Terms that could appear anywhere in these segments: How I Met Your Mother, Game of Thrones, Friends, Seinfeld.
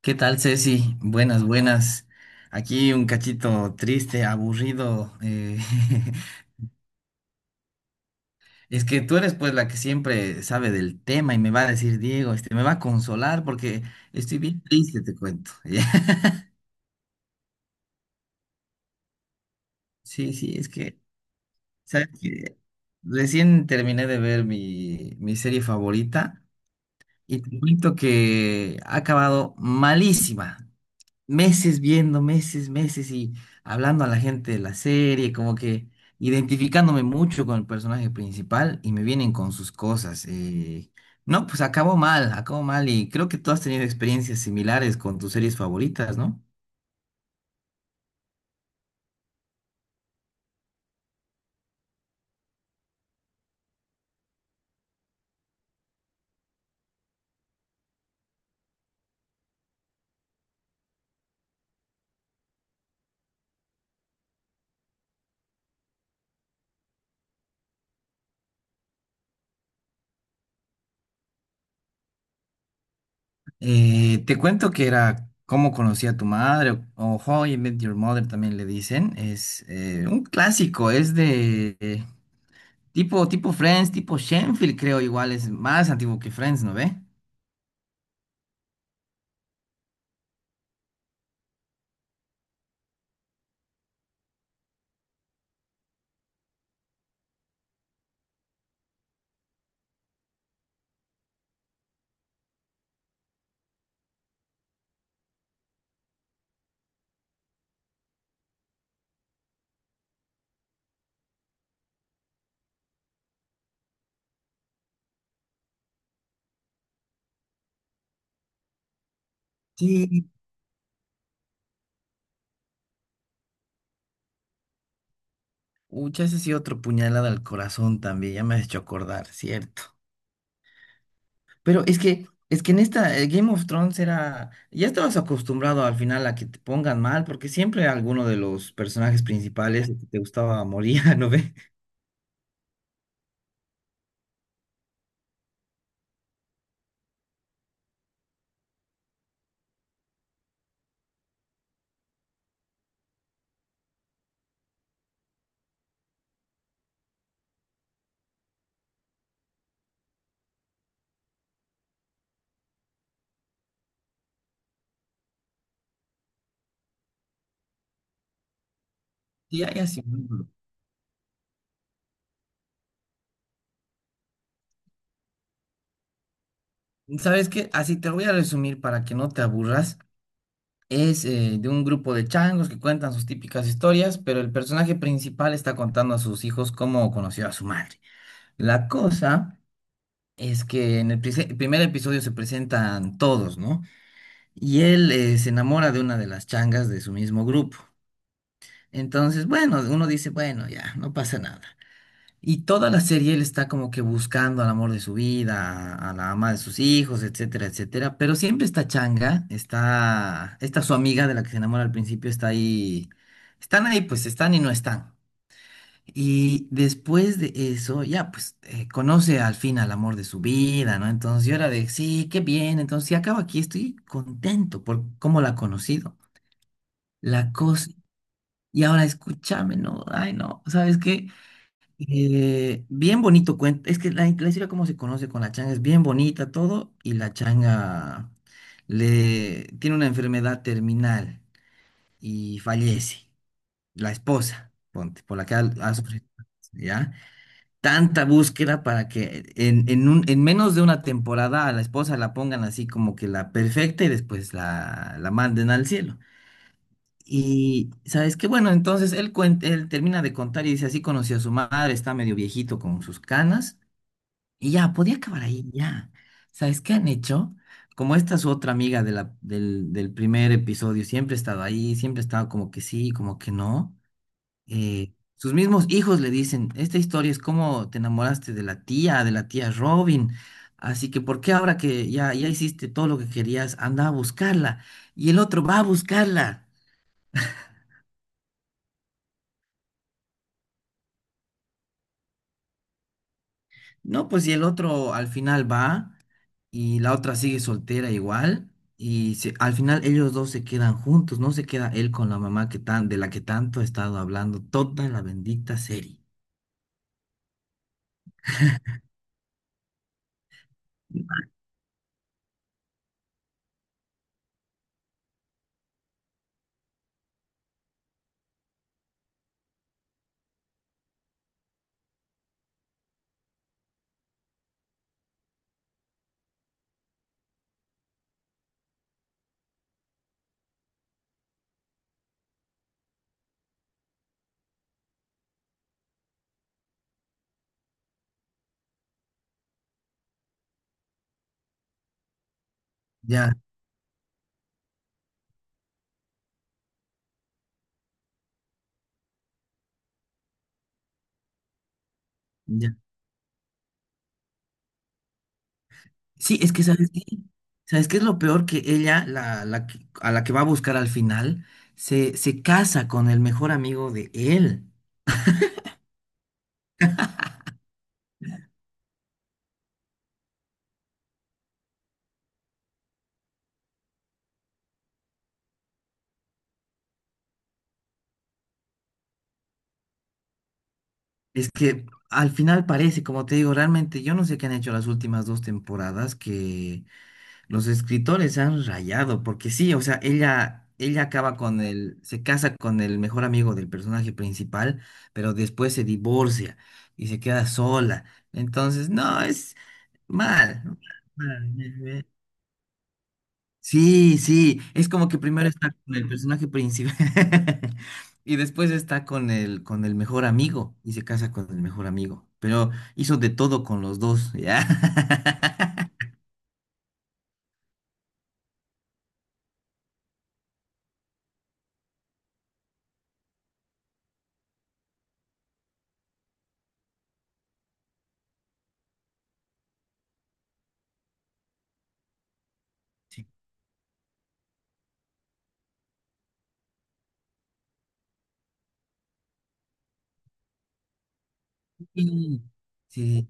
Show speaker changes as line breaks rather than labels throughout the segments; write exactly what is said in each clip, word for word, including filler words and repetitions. ¿Qué tal, Ceci? Buenas, buenas. Aquí un cachito triste, aburrido. eh, Es que tú eres pues la que siempre sabe del tema y me va a decir, Diego, este, me va a consolar porque estoy bien triste, te cuento. Sí, sí, es que, ¿sabes qué? Recién terminé de ver mi, mi serie favorita y te cuento que ha acabado malísima. Meses viendo, meses, meses y hablando a la gente de la serie, como que identificándome mucho con el personaje principal y me vienen con sus cosas. Eh, no, pues acabó mal, acabó mal y creo que tú has tenido experiencias similares con tus series favoritas, ¿no? Eh, te cuento que era Cómo conocí a tu madre o, o How I Met Your Mother también le dicen. Es eh, un clásico, es de eh, tipo, tipo Friends, tipo Shenfield creo igual, es más antiguo que Friends, ¿no ve? Sí, Ucha, ese sí otro puñalada al corazón también, ya me has hecho acordar, cierto. Pero es que, es que en esta eh, Game of Thrones era, ya estabas acostumbrado al final a que te pongan mal, porque siempre alguno de los personajes principales que te gustaba moría, ¿no ve? Sí, hay así un grupo. ¿Sabes qué? Así te voy a resumir para que no te aburras. Es eh, de un grupo de changos que cuentan sus típicas historias, pero el personaje principal está contando a sus hijos cómo conoció a su madre. La cosa es que en el prise- primer episodio se presentan todos, ¿no? Y él eh, se enamora de una de las changas de su mismo grupo. Entonces, bueno, uno dice, bueno, ya, no pasa nada. Y toda la serie él está como que buscando al amor de su vida, a, a la ama de sus hijos, etcétera, etcétera. Pero siempre esta changa, está, esta su amiga de la que se enamora al principio está ahí. Están ahí, pues están y no están. Y después de eso, ya pues eh, conoce al fin al amor de su vida, ¿no? Entonces yo era de, sí, qué bien, entonces si acabo aquí, estoy contento por cómo la ha conocido, la cosa. Y ahora escúchame, ¿no? Ay, no, ¿sabes qué? Eh, bien bonito cuento, es que la, la historia cómo se conoce con la changa es bien bonita todo y la changa le tiene una enfermedad terminal y fallece, la esposa, ponte, por la que ha ha sufrido, ¿ya? Tanta búsqueda para que en, en un, en menos de una temporada a la esposa la pongan así como que la perfecta y después la, la manden al cielo. Y sabes qué, bueno, entonces él, cuen- él termina de contar y dice, así conoció a su madre, está medio viejito con sus canas y ya, podía acabar ahí, ya. ¿Sabes qué han hecho? Como esta su otra amiga de la, del, del primer episodio, siempre ha estado ahí, siempre ha estado como que sí, como que no eh, sus mismos hijos le dicen, esta historia es cómo te enamoraste de la tía, de la tía Robin, así que ¿por qué ahora que ya, ya hiciste todo lo que querías, anda a buscarla? Y el otro va a buscarla. No, pues y el otro al final va y la otra sigue soltera igual. Y se- al final ellos dos se quedan juntos, no se queda él con la mamá que tan, de la que tanto ha estado hablando toda la bendita serie. Ya, ya. Sí, es que ¿sabes qué? ¿Sabes qué es lo peor? Que ella, la, la que- a la que va a buscar al final, se, se casa con el mejor amigo de él. Es que al final parece, como te digo, realmente yo no sé qué han hecho las últimas dos temporadas, que los escritores han rayado, porque sí, o sea, ella, ella acaba con el, se casa con el mejor amigo del personaje principal, pero después se divorcia y se queda sola. Entonces, no, es mal. Mal. Sí, sí, es como que primero está con el personaje principal y después está con el, con el mejor amigo y se casa con el mejor amigo, pero hizo de todo con los dos, ¿ya? Sí, sí.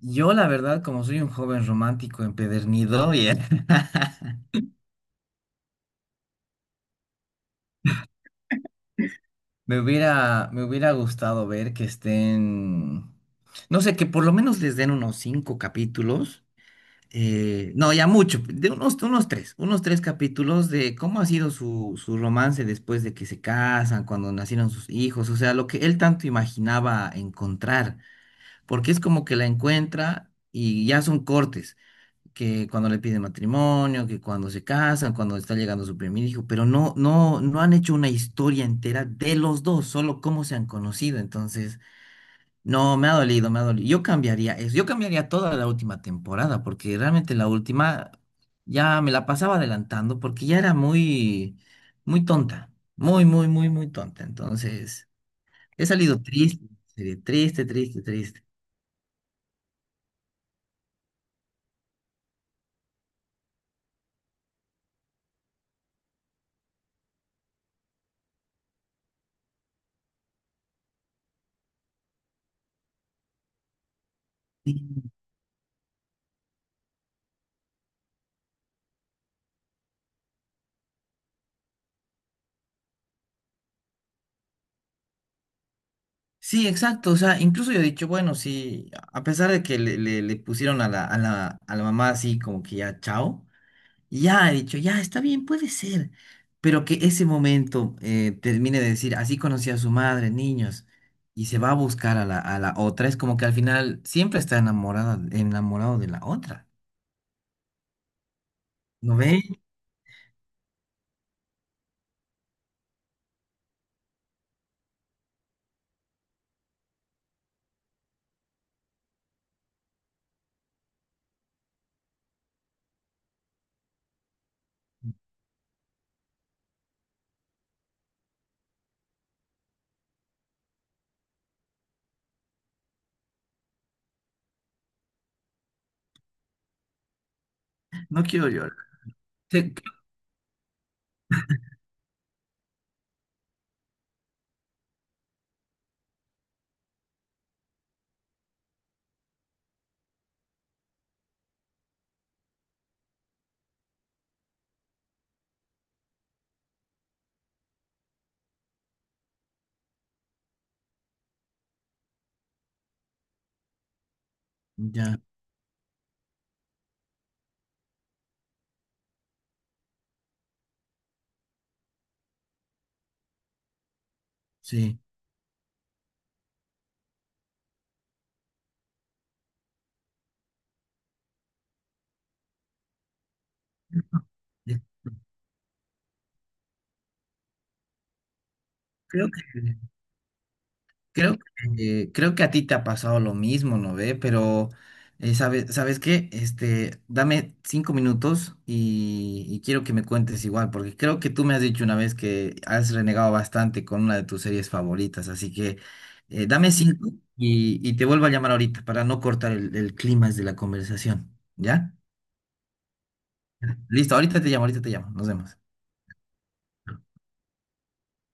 Yo la verdad, como soy un joven romántico empedernido, ya, Me hubiera, me hubiera gustado ver que estén, no sé, que por lo menos les den unos cinco capítulos eh, no, ya mucho, de unos, unos tres, unos tres capítulos de cómo ha sido su, su romance después de que se casan, cuando nacieron sus hijos, o sea, lo que él tanto imaginaba encontrar, porque es como que la encuentra y ya son cortes, que cuando le piden matrimonio, que cuando se casan, cuando está llegando su primer hijo, pero no, no, no han hecho una historia entera de los dos, solo cómo se han conocido, entonces... No, me ha dolido, me ha dolido. Yo cambiaría eso. Yo cambiaría toda la última temporada, porque realmente la última ya me la pasaba adelantando, porque ya era muy, muy tonta. Muy, muy, muy, muy tonta. Entonces, he salido triste, eh, triste, triste, triste. Sí, sí, exacto. O sea, incluso yo he dicho, bueno, sí, a pesar de que le, le- le pusieron a la, a la, a la mamá así como que ya chao. Ya he dicho, ya está bien, puede ser, pero que ese momento eh, termine de decir, así conocí a su madre, niños, y se va a buscar a la, a la otra, es como que al final siempre está enamorada, enamorado de la otra. ¿No ve? No quiero llorar. Te- Ya, sí. Creo que Creo que, eh, creo que a ti te ha pasado lo mismo, ¿no ve? Pero, eh, ¿sabe- ¿sabes qué? Este, dame cinco minutos y, y quiero que me cuentes igual, porque creo que tú me has dicho una vez que has renegado bastante con una de tus series favoritas, así que eh, dame cinco y, y te vuelvo a llamar ahorita para no cortar el, el clima de la conversación, ¿ya? Listo, ahorita te llamo, ahorita te llamo, nos vemos.